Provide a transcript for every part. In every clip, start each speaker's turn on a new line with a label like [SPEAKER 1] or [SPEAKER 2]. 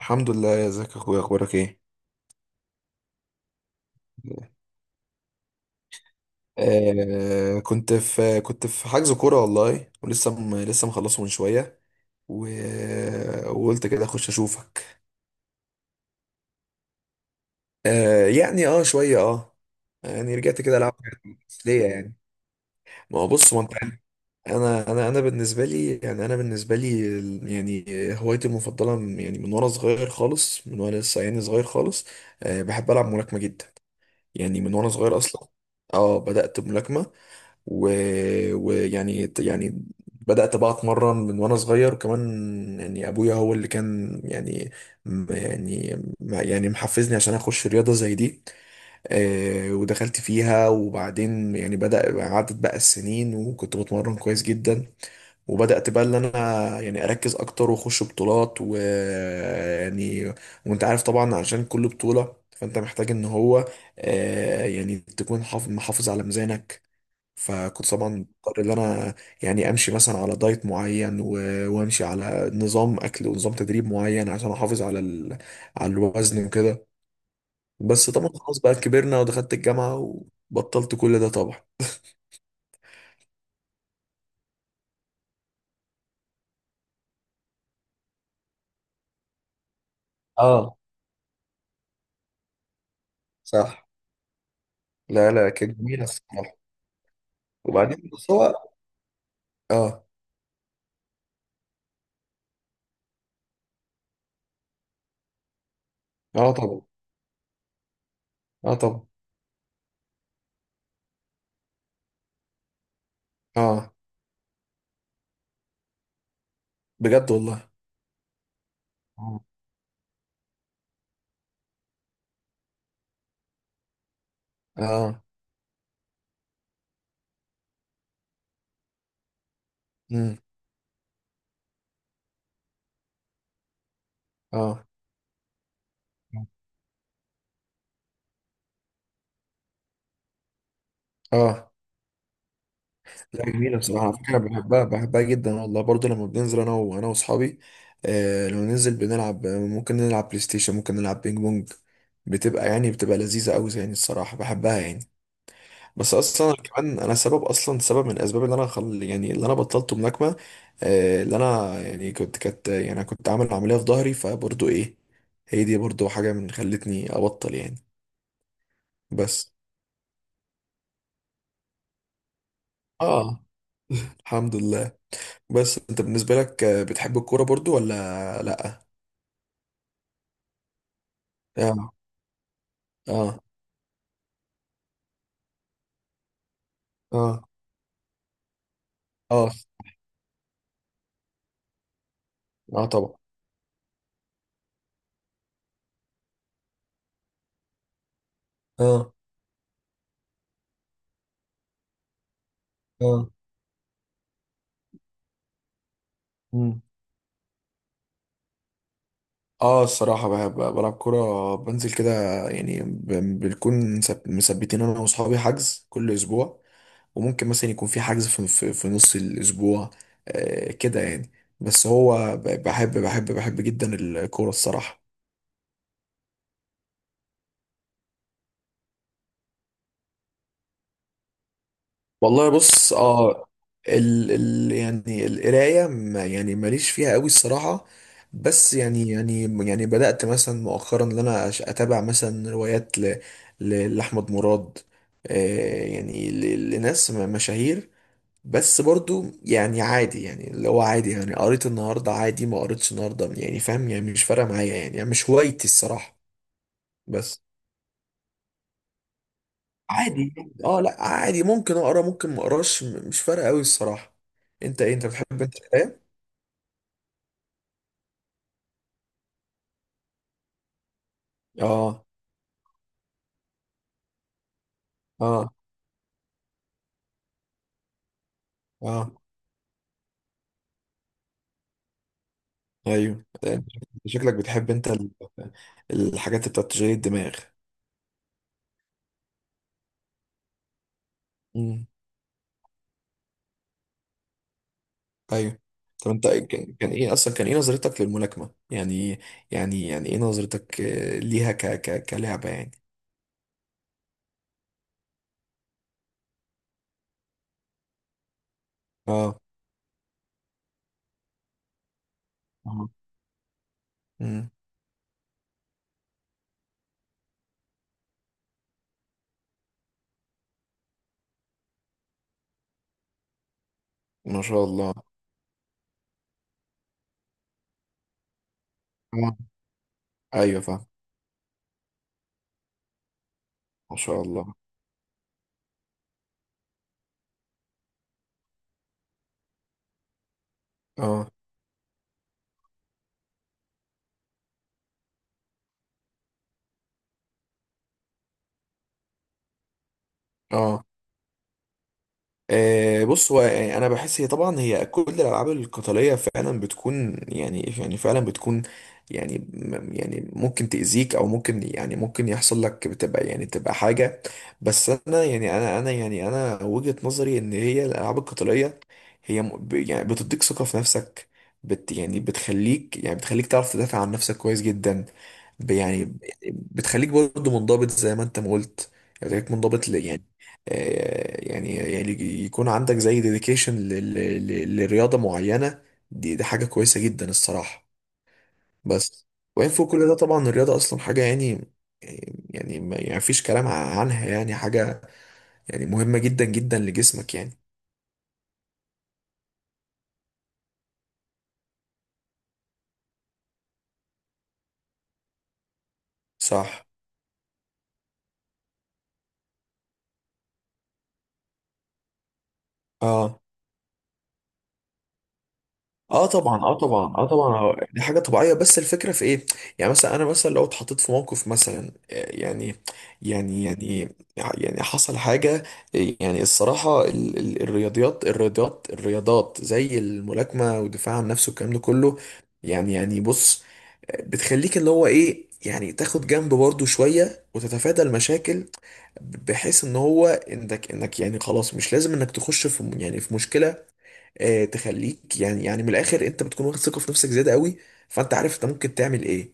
[SPEAKER 1] الحمد لله، يا ازيك يا اخويا؟ اخبارك ايه؟ كنت في حجز كوره والله، ولسه لسه مخلصه من شويه و... وقلت كده اخش اشوفك. آه شويه، اه. يعني رجعت كده العب حاجات. ليه يعني؟ ما هو بص، ما انت عارف، انا بالنسبه لي، هوايتي المفضله من وانا صغير خالص، من وانا لسه صغير خالص. بحب العب ملاكمه جدا، يعني من وانا صغير اصلا. اه، بدات بملاكمه و- ويعني يعني بدأت بقى اتمرن من وانا صغير، وكمان ابويا هو اللي كان محفزني عشان اخش رياضة زي دي. ودخلت فيها، وبعدين بدأ عدت بقى السنين، وكنت بتمرن كويس جدا. وبدأت بقى اللي انا يعني اركز اكتر واخش بطولات، وانت عارف طبعا، عشان كل بطولة فانت محتاج ان هو آه، يعني تكون محافظ على ميزانك. فكنت طبعا مضطر ان انا امشي مثلا على دايت معين، وامشي على نظام اكل ونظام تدريب معين، عشان احافظ على الوزن وكده. بس طبعا خلاص بقى كبرنا، ودخلت الجامعة وبطلت كل ده طبعا. اه. صح. لا لا، كانت جميلة الصراحة. وبعدين بس هو، اه. اه طبعا. اه طبعا. اه. بجد والله. آه. اه. امم. اه. اه. لا، جميلة بصراحة. على فكرة بحبها، جدا والله، برضه لما بننزل أنا وأصحابي، آه، لو ننزل بنلعب، ممكن نلعب بلاي ستيشن، ممكن نلعب بينج بونج، بتبقى لذيذة أوي الصراحة، بحبها يعني. بس أصلا أنا كمان أنا سبب، أصلا من الأسباب اللي أنا بطلت ملاكمة، اللي أنا يعني كنت كانت يعني أنا كنت عامل عملية في ظهري، فبرضه إيه، هي دي برضه حاجة من خلتني أبطل يعني. بس. آه. الحمد لله. بس أنت بالنسبة لك، بتحب الكورة برضه ولا لأ؟ اه. اه. اه. اه طبعا. اه. اه. مم. اه الصراحة، بحب بلعب كورة، بنزل كده يعني. بنكون مثبتين انا واصحابي حجز كل اسبوع. وممكن مثلا يكون في حجز في نص الاسبوع، آه كده يعني. بس هو بحب جدا الكورة الصراحة. والله بص، اه، ال ال يعني القرايه ماليش فيها قوي الصراحه. بس يعني بدات مثلا مؤخرا ان انا اتابع مثلا روايات لاحمد مراد، لناس مشاهير. بس برضو يعني عادي، يعني اللي هو عادي، يعني قريت النهارده عادي، ما قريتش النهارده يعني، فاهم يعني؟ مش فارقه معايا، يعني مش هوايتي الصراحه. بس. عادي. اه، لا عادي، ممكن اقرا، ممكن ما اقراش، مش فارقه قوي الصراحه. انت ايه، انت بتحب انت القرايه؟ اه. اه. اه. ايوه، انت شكلك بتحب انت الحاجات اللي بتاعت تشغيل الدماغ. امم. ايوه. طب انت كان ايه اصلا، كان نظرتك للملاكمه يعني؟ ايه نظرتك ليها، ك كلعبه يعني؟ اه. اه. امم. ما شاء الله. اه. ايوه فاهم. ما شاء الله. اه. اه. آه، بص هو يعني، انا بحس هي طبعا، هي كل الالعاب القتاليه فعلا بتكون، فعلا بتكون ممكن تاذيك، او ممكن ممكن يحصل لك، بتبقى يعني تبقى حاجه. بس انا انا وجهه نظري ان هي الالعاب القتاليه، هي م- ب- يعني بتديك ثقه في نفسك. بت يعني بتخليك بتخليك تعرف تدافع عن نفسك كويس جدا. ب- يعني بتخليك برضه منضبط، زي ما انت ما قلت. يعني بتخليك منضبط. يكون عندك زي ديديكيشن لرياضة معينة. دي حاجة كويسة جدا الصراحة. بس. وين فوق كل ده طبعا الرياضة أصلا حاجة ما فيش كلام عنها يعني، حاجة مهمة جدا جدا لجسمك يعني. صح. اه. اه طبعا، اه طبعا، اه طبعا. آه دي حاجه طبيعيه، بس الفكره في ايه؟ يعني مثلا انا مثلا لو اتحطيت في موقف مثلا، يعني يعني حصل حاجه، الصراحه ال ال الرياضيات الرياضيات الرياضات زي الملاكمه والدفاع عن نفسه والكلام ده كله، بص، بتخليك اللي هو ايه يعني، تاخد جنب برضه شويه وتتفادى المشاكل. بحيث ان هو انك يعني خلاص، مش لازم انك تخش في مشكله. تخليك من الاخر انت بتكون واخد ثقه في نفسك زياده قوي، فانت عارف انت ممكن تعمل ايه.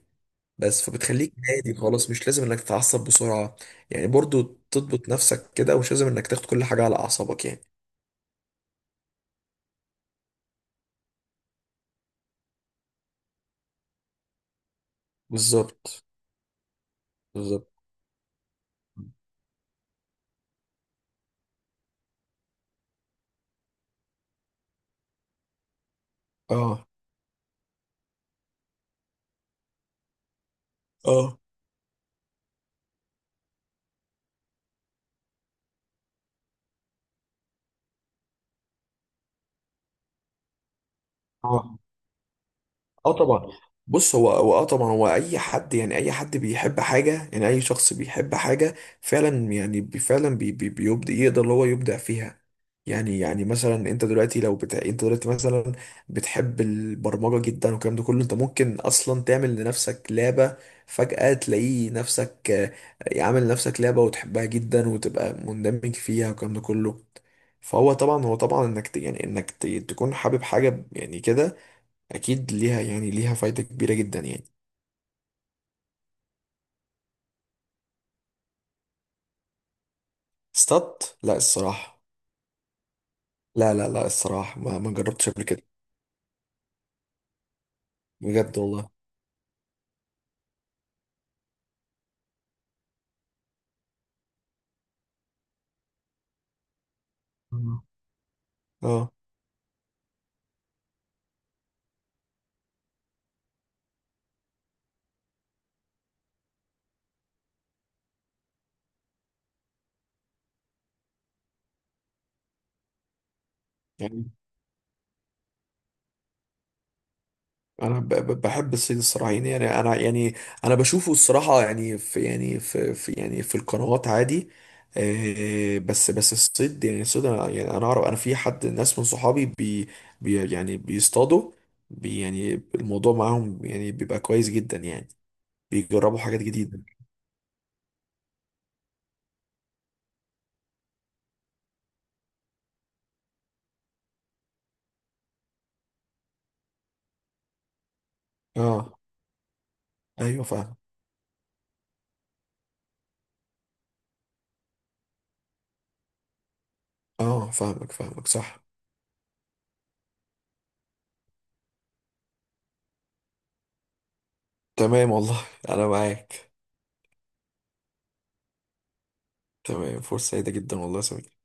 [SPEAKER 1] بس فبتخليك هادي خالص، مش لازم انك تتعصب بسرعه يعني، برضو تضبط نفسك كده، ومش لازم انك تاخد كل حاجه على اعصابك يعني. بالظبط. بالظبط. اه. اه. اه. اه طبعا. بص هو اه طبعا، هو اي حد يعني، اي حد بيحب حاجه، يعني اي شخص بيحب حاجه فعلا، يعني بي- فعلا بي بي بيبدع، يقدر اللي هو يبدع فيها. مثلا انت دلوقتي لو انت دلوقتي مثلا بتحب البرمجه جدا والكلام ده كله، انت ممكن اصلا تعمل لنفسك لعبه، فجاه تلاقي نفسك عامل لنفسك لعبه، وتحبها جدا، وتبقى مندمج فيها والكلام ده كله. فهو طبعا، هو طبعا انك تكون حابب حاجه يعني كده، اكيد ليها، فايدة كبيرة جدا يعني. لا الصراحة. لا لا لا، الصراحة ما جربتش قبل كده. بجد والله. آه. اه يعني انا بحب الصيد الصراحه، انا بشوفه الصراحه في في القنوات عادي. بس الصيد انا اعرف انا في ناس من صحابي بي, بي يعني بيصطادوا، بي يعني الموضوع معاهم يعني بيبقى كويس جدا يعني، بيجربوا حاجات جديده. اه ايوه فاهم. اه، فاهمك فاهمك، صح. تمام والله، انا معاك. تمام، فرصة سعيدة جدا والله يا سمير.